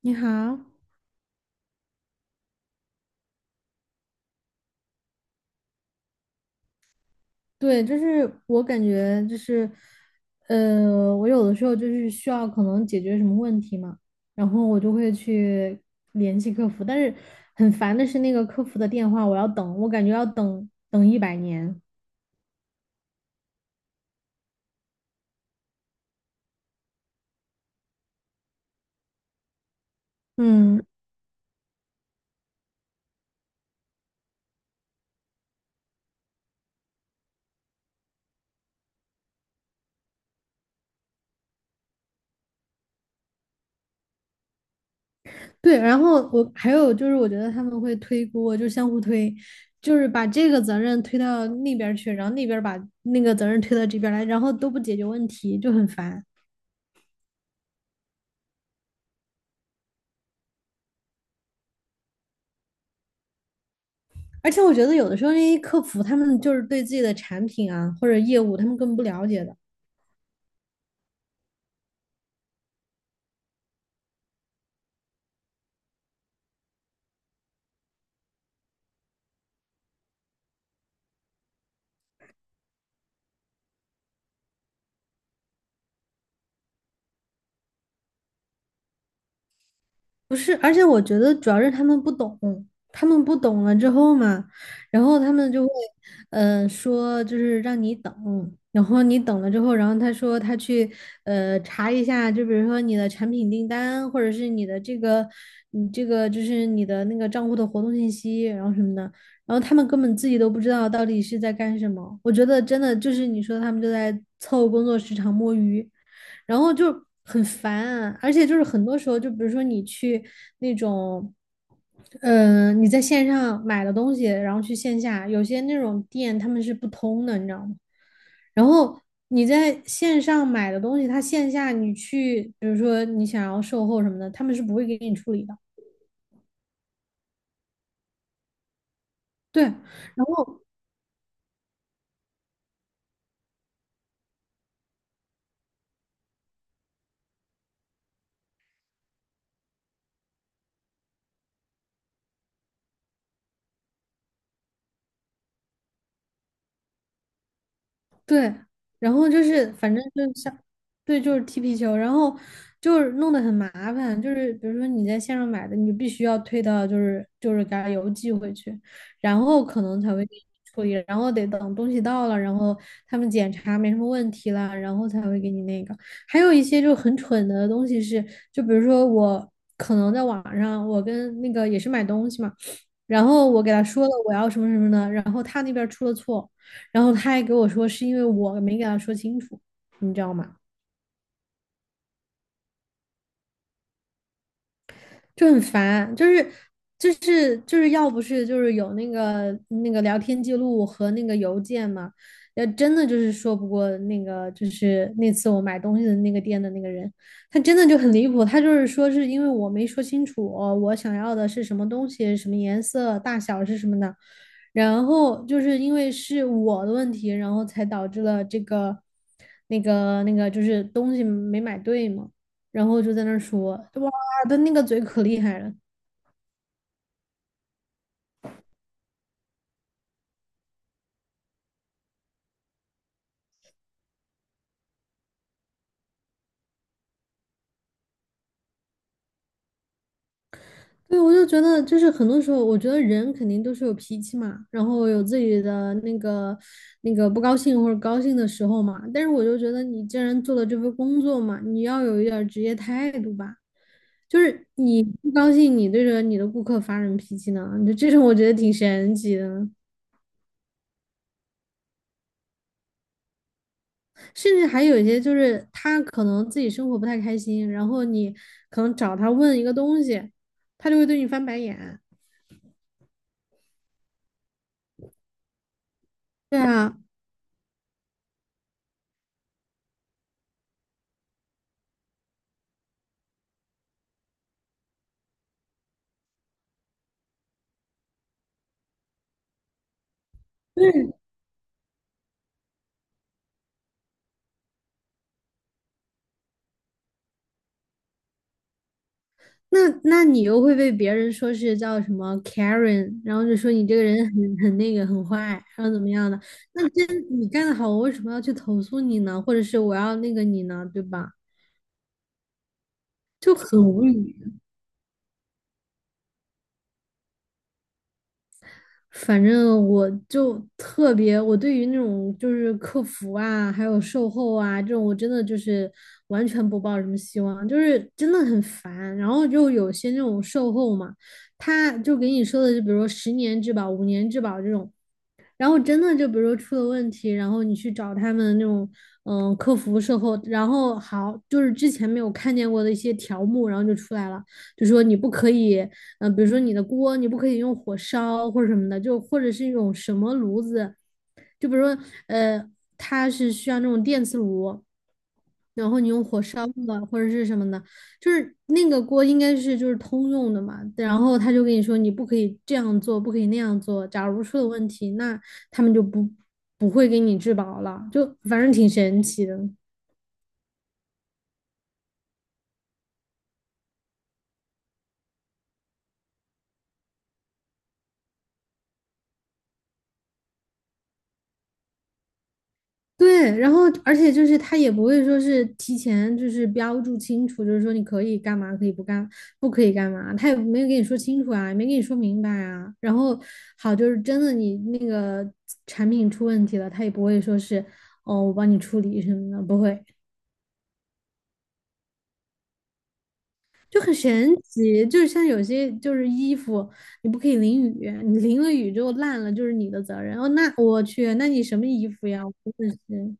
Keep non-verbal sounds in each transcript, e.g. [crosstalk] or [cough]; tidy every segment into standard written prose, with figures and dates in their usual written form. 你好，对，就是我感觉就是，我有的时候就是需要可能解决什么问题嘛，然后我就会去联系客服，但是很烦的是那个客服的电话，我要等，我感觉要等100年。嗯，对，然后我还有就是，我觉得他们会推锅，就相互推，就是把这个责任推到那边儿去，然后那边儿把那个责任推到这边儿来，然后都不解决问题，就很烦。而且我觉得有的时候那些客服他们就是对自己的产品啊或者业务他们根本不了解的。不是，而且我觉得主要是他们不懂，他们不懂了之后嘛，然后他们就会，说就是让你等，然后你等了之后，然后他说他去，查一下，就比如说你的产品订单，或者是你的这个，你这个就是你的那个账户的活动信息，然后什么的，然后他们根本自己都不知道到底是在干什么。我觉得真的就是你说他们就在凑工作时长摸鱼。然后就很烦，而且就是很多时候，就比如说你去那种，你在线上买的东西，然后去线下，有些那种店他们是不通的，你知道吗？然后你在线上买的东西，它线下你去，比如说你想要售后什么的，他们是不会给你处理的。对，然后对，然后就是反正就像，对，就是踢皮球，然后就是弄得很麻烦，就是比如说你在线上买的，你就必须要退到就是给他邮寄回去，然后可能才会给你处理，然后得等东西到了，然后他们检查没什么问题了，然后才会给你那个。还有一些就很蠢的东西是，就比如说我可能在网上，我跟那个也是买东西嘛。然后我给他说了我要什么什么的，然后他那边出了错，然后他还给我说是因为我没给他说清楚，你知道吗？就很烦，就是要不是就是有那个聊天记录和那个邮件嘛，要真的就是说不过那个就是那次我买东西的那个店的那个人，他真的就很离谱，他就是说是因为我没说清楚我想要的是什么东西、什么颜色、大小是什么的，然后就是因为是我的问题，然后才导致了这个那个就是东西没买对嘛。然后就在那儿说，哇，的那个嘴可厉害了。对，我就觉得，就是很多时候，我觉得人肯定都是有脾气嘛，然后有自己的那个那个不高兴或者高兴的时候嘛。但是我就觉得，你既然做了这份工作嘛，你要有一点儿职业态度吧。就是你不高兴，你对着你的顾客发什么脾气呢？就这种我觉得挺神奇的。甚至还有一些就是他可能自己生活不太开心，然后你可能找他问一个东西，他就会对你翻白眼。对啊，对，那你又会被别人说是叫什么 Karen，然后就说你这个人很那个很坏，然后怎么样的？那真你干的好，我为什么要去投诉你呢？或者是我要那个你呢？对吧？就很无语。反正我就特别，我对于那种就是客服啊，还有售后啊这种，我真的就是完全不抱什么希望，就是真的很烦。然后就有些那种售后嘛，他就给你说的，就比如说10年质保、5年质保这种。然后真的就比如说出了问题，然后你去找他们那种客服售后，然后好就是之前没有看见过的一些条目，然后就出来了，就说你不可以，比如说你的锅你不可以用火烧或者什么的，就或者是一种什么炉子，就比如说呃它是需要那种电磁炉，然后你用火烧的或者是什么的，就是那个锅应该是就是通用的嘛，然后他就跟你说你不可以这样做，不可以那样做。假如出了问题，那他们就不会给你质保了，就反正挺神奇的。对，然后而且就是他也不会说是提前就是标注清楚，就是说你可以干嘛，可以不干，不可以干嘛，他也没有跟你说清楚啊，也没跟你说明白啊。然后好，就是真的你那个产品出问题了，他也不会说是哦我帮你处理什么的，不会，就很神奇，就是像有些就是衣服，你不可以淋雨，你淋了雨就烂了，就是你的责任。哦，那我去，那你什么衣服呀？我真的是。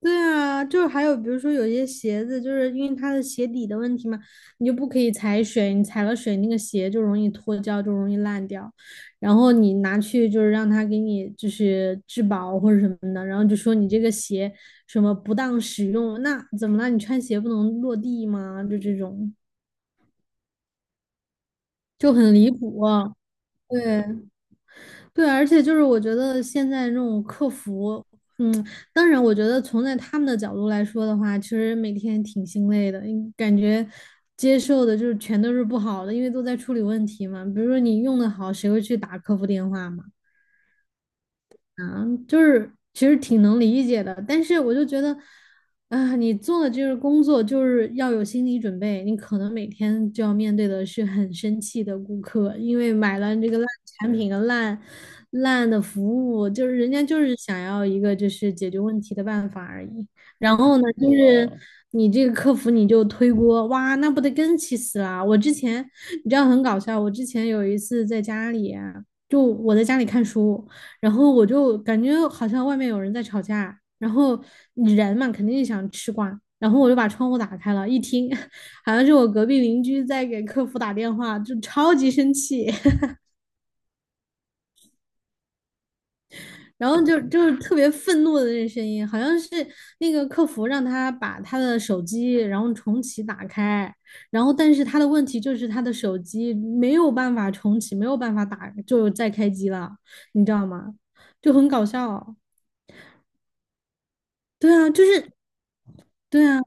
对啊，就是还有比如说有些鞋子，就是因为它的鞋底的问题嘛，你就不可以踩水，你踩了水那个鞋就容易脱胶，就容易烂掉。然后你拿去就是让他给你就是质保或者什么的，然后就说你这个鞋什么不当使用，那怎么了？你穿鞋不能落地吗？就这种。就很离谱啊。对对，而且就是我觉得现在这种客服，嗯，当然我觉得从在他们的角度来说的话，其实每天挺心累的，因感觉接受的就是全都是不好的，因为都在处理问题嘛。比如说你用的好，谁会去打客服电话嘛？就是其实挺能理解的，但是我就觉得，你做的这个工作就是要有心理准备，你可能每天就要面对的是很生气的顾客，因为买了这个烂产品和烂的服务，就是人家就是想要一个就是解决问题的办法而已。然后呢，就是你这个客服你就推锅，哇，那不得更气死啦！我之前你知道很搞笑，我之前有一次在家里啊就我在家里看书，然后我就感觉好像外面有人在吵架，然后人嘛肯定想吃瓜，然后我就把窗户打开了，一听好像是我隔壁邻居在给客服打电话，就超级生气，然后就是特别愤怒的那声音，好像是那个客服让他把他的手机然后重启打开，然后但是他的问题就是他的手机没有办法重启，没有办法打，就再开机了，你知道吗？就很搞笑，对啊，就是。对啊，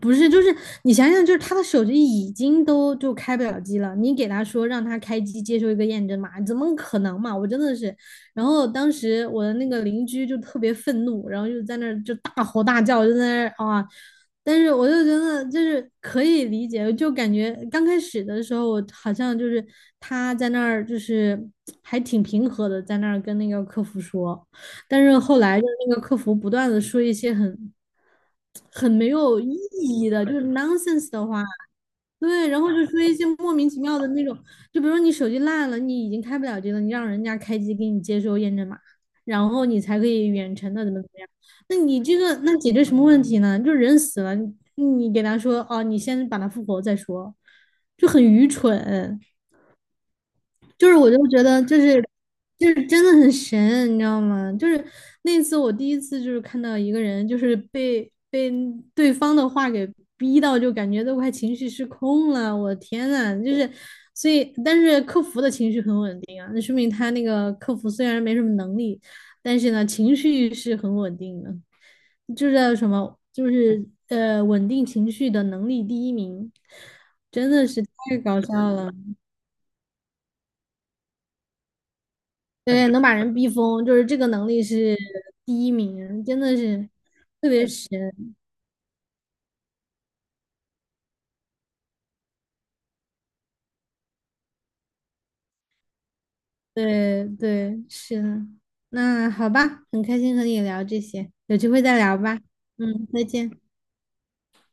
不是，就是你想想，就是他的手机已经都就开不了机了，你给他说让他开机接受一个验证码，怎么可能嘛？我真的是，然后当时我的那个邻居就特别愤怒，然后就在那儿就大吼大叫，就在那儿啊，但是我就觉得就是可以理解，就感觉刚开始的时候，我好像就是他在那儿就是还挺平和的，在那儿跟那个客服说。但是后来就是那个客服不断的说一些很没有意义的，就是 nonsense 的话，对，然后就说一些莫名其妙的那种，就比如说你手机烂了，你已经开不了机了，你让人家开机给你接收验证码，然后你才可以远程的怎么怎么样，那你这个那解决什么问题呢？就人死了，你给他说哦，你先把它复活再说，就很愚蠢。就是我就觉得就是真的很神，你知道吗？就是那次我第一次就是看到一个人就是被对方的话给逼到，就感觉都快情绪失控了。我的天呐，就是所以，但是客服的情绪很稳定啊，那说明他那个客服虽然没什么能力，但是呢情绪是很稳定的，就是叫什么就是稳定情绪的能力第一名，真的是太搞笑了。对，能 [laughs] 把人逼疯，就是这个能力是第一名，真的是，对对，是的。那好吧，很开心和你聊这些，有机会再聊吧。嗯，再见。